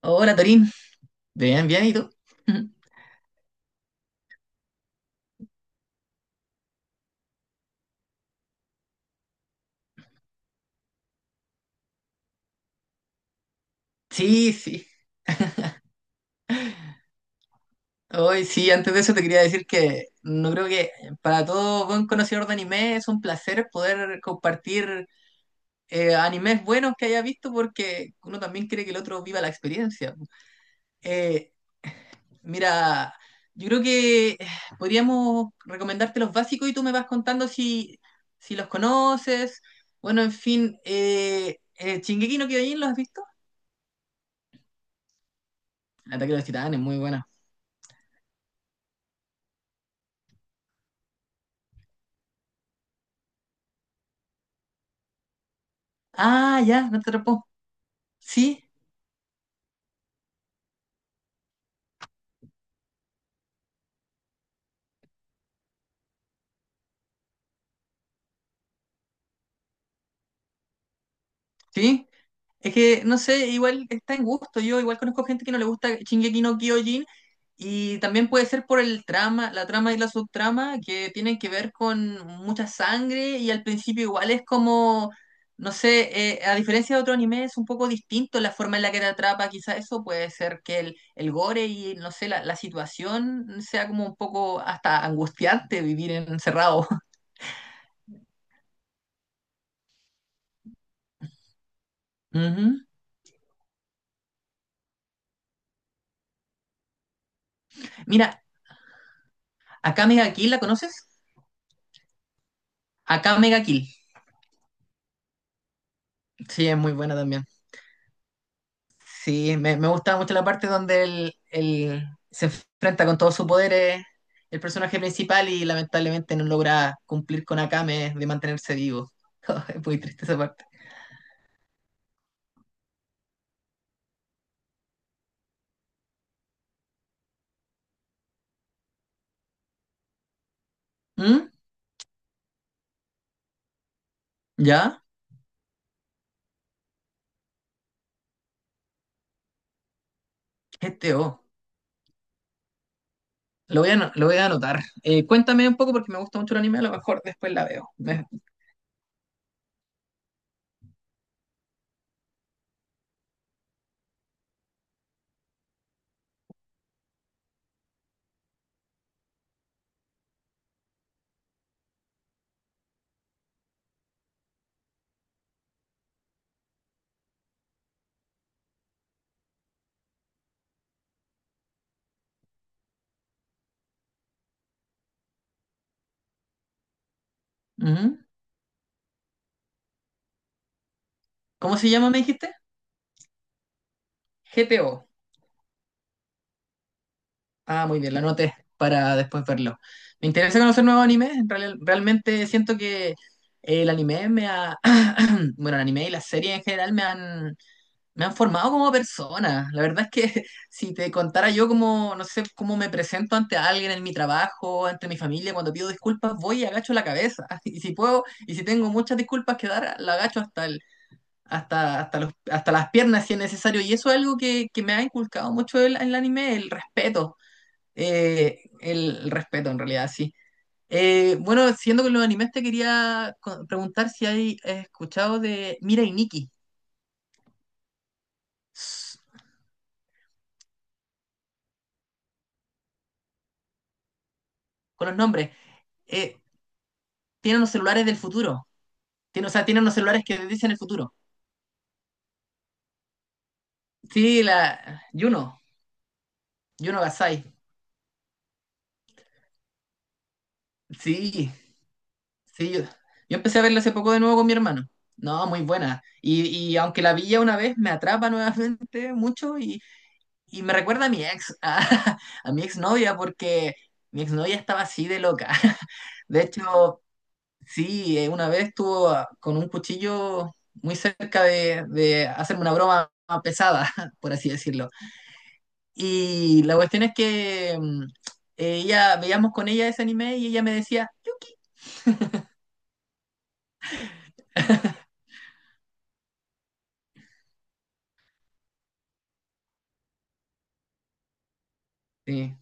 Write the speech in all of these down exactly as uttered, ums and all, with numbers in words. Hola Torín, bien, bien, ¿y tú? Sí, sí. Hoy sí, antes de eso te quería decir que no creo que para todo buen conocedor de anime es un placer poder compartir eh, animes buenos que haya visto porque uno también quiere que el otro viva la experiencia. Eh, mira, yo creo que eh, podríamos recomendarte los básicos y tú me vas contando si, si los conoces. Bueno, en fin, eh, eh, Shingeki no Kyojin, ¿lo has visto? El ataque de los titanes, muy buena. Ah, ya, no te atrapó. Sí, sí. Es que, no sé, igual está en gusto. Yo igual conozco gente que no le gusta Shingeki no Kyojin y también puede ser por el trama, la trama y la subtrama que tienen que ver con mucha sangre y al principio igual es como, no sé, eh, a diferencia de otro anime es un poco distinto la forma en la que te atrapa. Quizá eso puede ser que el, el gore y, no sé, la, la situación sea como un poco hasta angustiante vivir encerrado. Ujú. Mira, acá Mega Kill, ¿la conoces? Acá Mega Kill. Sí, es muy buena también. Sí, me, me gusta mucho la parte donde él, él se enfrenta con todos sus poderes, el personaje principal, y lamentablemente no logra cumplir con Akame de mantenerse vivo. Es muy triste esa parte. ¿Mm? ¿Ya? Este oh. Lo voy a, ano- lo voy a anotar. Eh, cuéntame un poco porque me gusta mucho el anime, a lo mejor después la veo. Me- Ujú. ¿Cómo se llama, me dijiste? G T O. Ah, muy bien, lo anoté para después verlo. Me interesa conocer nuevos animes. En real- realmente siento que el anime me ha... Bueno, el anime y las series en general me han, me han formado como persona. La verdad es que si te contara yo cómo, no sé, cómo me presento ante alguien en mi trabajo, ante mi familia, cuando pido disculpas, voy y agacho la cabeza. Y si puedo, y si tengo muchas disculpas que dar, la agacho hasta el... Hasta, hasta, los, hasta las piernas si es necesario. Y eso es algo que, que me ha inculcado mucho el, el anime, el respeto. Eh, el, el respeto, en realidad, sí. Eh, bueno, siendo con los animes, te quería co- preguntar si hay eh, escuchado de Mira y Nikki, s- con los nombres. Eh, Tienen los celulares del futuro. Tienen, o sea, tienen los celulares que dicen el futuro. Sí, la Juno, Juno Gasai. Sí, sí. Yo, yo empecé a verla hace poco de nuevo con mi hermano. No, muy buena. Y, y aunque la vi ya una vez, me atrapa nuevamente mucho y, Y me recuerda a mi ex, a, a mi exnovia, porque mi exnovia estaba así de loca. De hecho, sí, eh, una vez estuvo ah, con un cuchillo muy cerca de, de hacerme una broma pesada, por así decirlo. Y la cuestión es que mm, eh, ella, veíamos con ella ese anime y ella me decía, Yuki. Sí,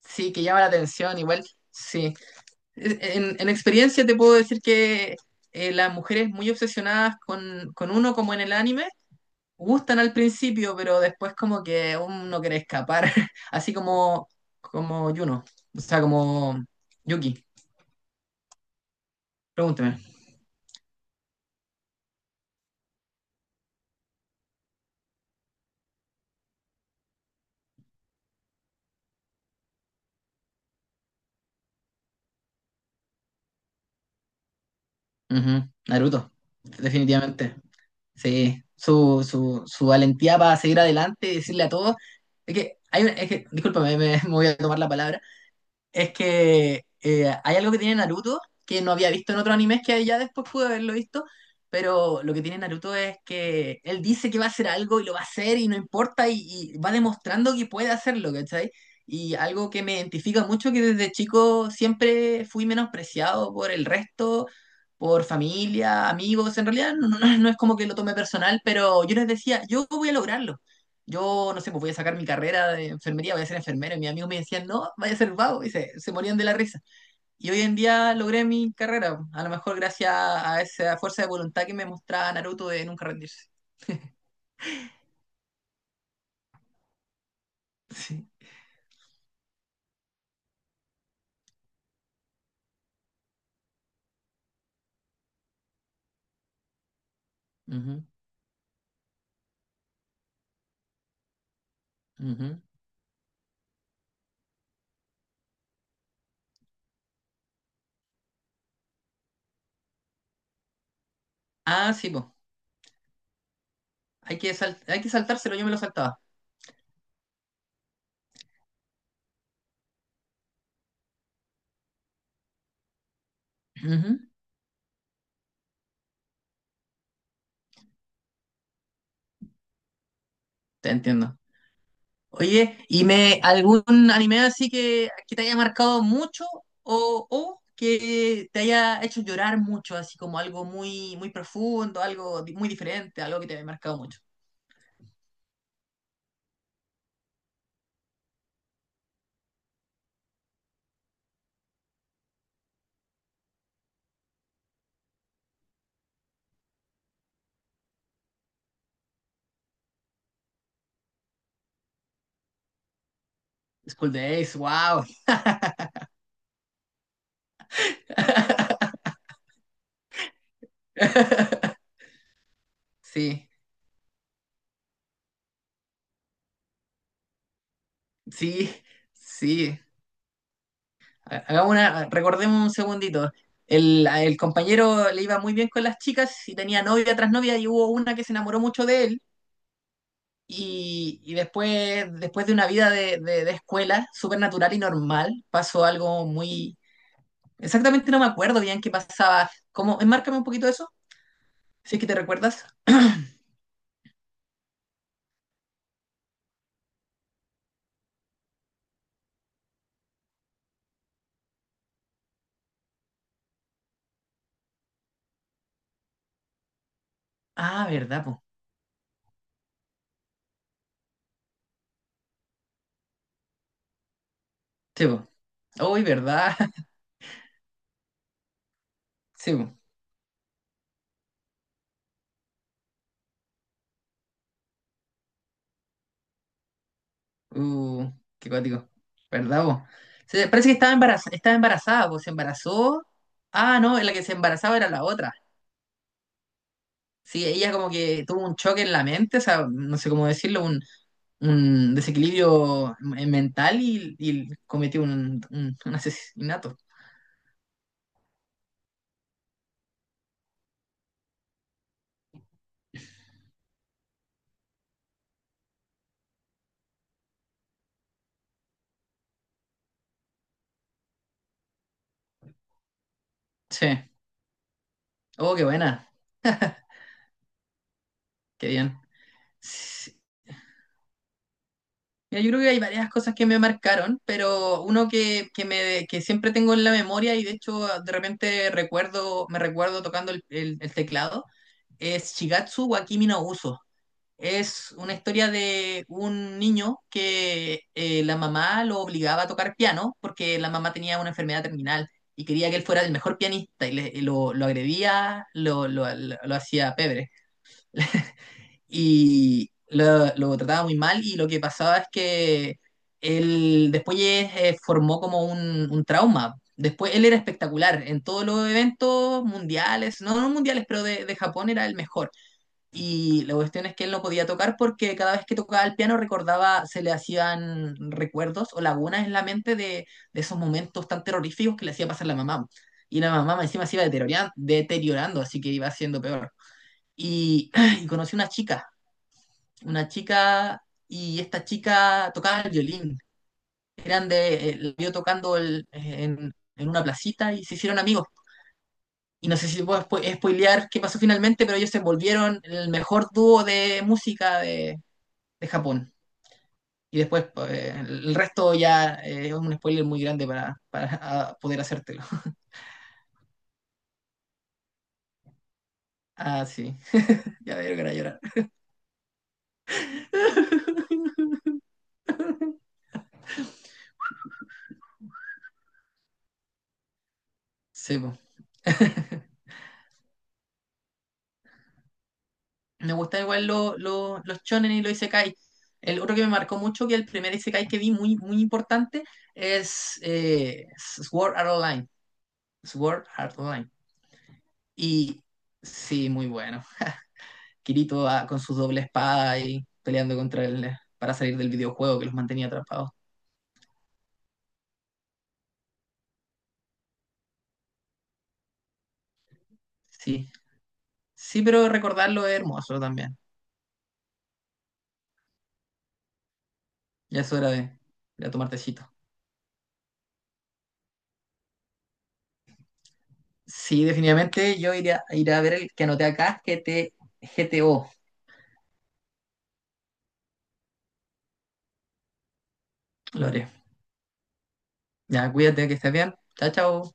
sí, que llama la atención, igual, sí. En, en experiencia te puedo decir que eh, las mujeres muy obsesionadas con, con uno como en el anime, gustan al principio, pero después como que uno quiere escapar, así como, como Yuno, o sea, como Yuki, pregúnteme. Ujú, Naruto, definitivamente. Sí, su, su, su valentía para seguir adelante y decirle a todos, es que, hay, una- es que discúlpame, me, me voy a tomar la palabra. Es que eh, hay algo que tiene Naruto que no había visto en otro anime que ya después pude haberlo visto, pero lo que tiene Naruto es que él dice que va a hacer algo y lo va a hacer y no importa y, y va demostrando que puede hacerlo, ¿cachai? Y algo que me identifica mucho que desde chico siempre fui menospreciado por el resto, por familia, amigos, en realidad no, no no es como que lo tome personal, pero yo les decía, yo voy a lograrlo. Yo, no sé, pues voy a sacar mi carrera de enfermería, voy a ser enfermero. Y mis amigos me decían, no, vaya a ser vago. Y se, se morían de la risa. Y hoy en día logré mi carrera, a lo mejor gracias a esa fuerza de voluntad que me mostraba Naruto de nunca rendirse. Sí. Ujú, ujú. Ah, sí, pues. Hay que, sal- hay que saltárselo, yo me lo saltaba. Ujú. Te entiendo. Oye, ¿y me algún anime así que, que te haya marcado mucho o, o que te haya hecho llorar mucho, así como algo muy, muy profundo, algo di- muy diferente, algo que te haya marcado mucho? School Days, wow. Sí, sí, sí. Ha- hagamos una, recordemos un segundito. El, a- el compañero le iba muy bien con las chicas y tenía novia tras novia y hubo una que se enamoró mucho de él y, y después, después de una vida de, de- de escuela súper natural y normal pasó algo muy... Exactamente no me acuerdo bien qué pasaba. ¿Cómo? Enmárcame un poquito eso, si es que te recuerdas. Ah, verdad, po. Sí, po. Uy, verdad. Sí, po. Uh, Qué cuático. ¿Verdad, vos? Se- Parece que estaba embarazada, estaba embarazada, vos, se embarazó. Ah, no, la que se embarazaba era la otra. Sí, ella como que tuvo un choque en la mente, o sea, no sé cómo decirlo, un, un desequilibrio m- mental y, y cometió un, un- un asesinato. Sí. Oh, qué buena, qué bien. Sí. Mira, yo creo que hay varias cosas que me marcaron, pero uno que, que, me, que siempre tengo en la memoria y de hecho de repente recuerdo, me recuerdo tocando el el- el teclado es Shigatsu wa Kimi no Uso. Es una historia de un niño que eh, la mamá lo obligaba a tocar piano porque la mamá tenía una enfermedad terminal y quería que él fuera el mejor pianista y le- y lo, lo agredía, lo, lo- lo- lo hacía pebre y lo, lo trataba muy mal y lo que pasaba es que él después eh, formó como un, un trauma. Después él era espectacular en todos los eventos mundiales, no, no mundiales, pero de de Japón era el mejor y la cuestión es que él no podía tocar porque cada vez que tocaba el piano recordaba, se le hacían recuerdos o lagunas en la mente de, de esos momentos tan terroríficos que le hacía pasar la mamá. Y la mamá encima se iba deteriorando, deteriorando así que iba siendo peor. Y, y conocí una chica, una chica, y esta chica tocaba el violín. Eran de, eh, la vio tocando el- en, en una placita y se hicieron amigos. Y no sé si puedo spo- spoilear qué pasó finalmente, pero ellos se volvieron el mejor dúo de música de, de Japón. Y después pues, eh, el resto ya eh, es un spoiler muy grande para, para ah, poder hacértelo. Ah, sí. Ya veo que era llorar. Sí, po. Me gustan igual lo- lo- los shonen y los isekai. El otro que me marcó mucho, que el primer isekai que vi muy, muy importante, es eh, Sword Art Online. Sword Art Online. Y sí, muy bueno. Kirito ah, con su doble espada y peleando contra él para salir del videojuego que los mantenía atrapados. Sí, sí, pero recordarlo es hermoso también. Ya es hora de, de tomar tecito. Sí, definitivamente yo iré a, iré a ver el que anoté acá, G T GT, G T O. Lo haré. Ya, cuídate, que estés bien. Chao, chao.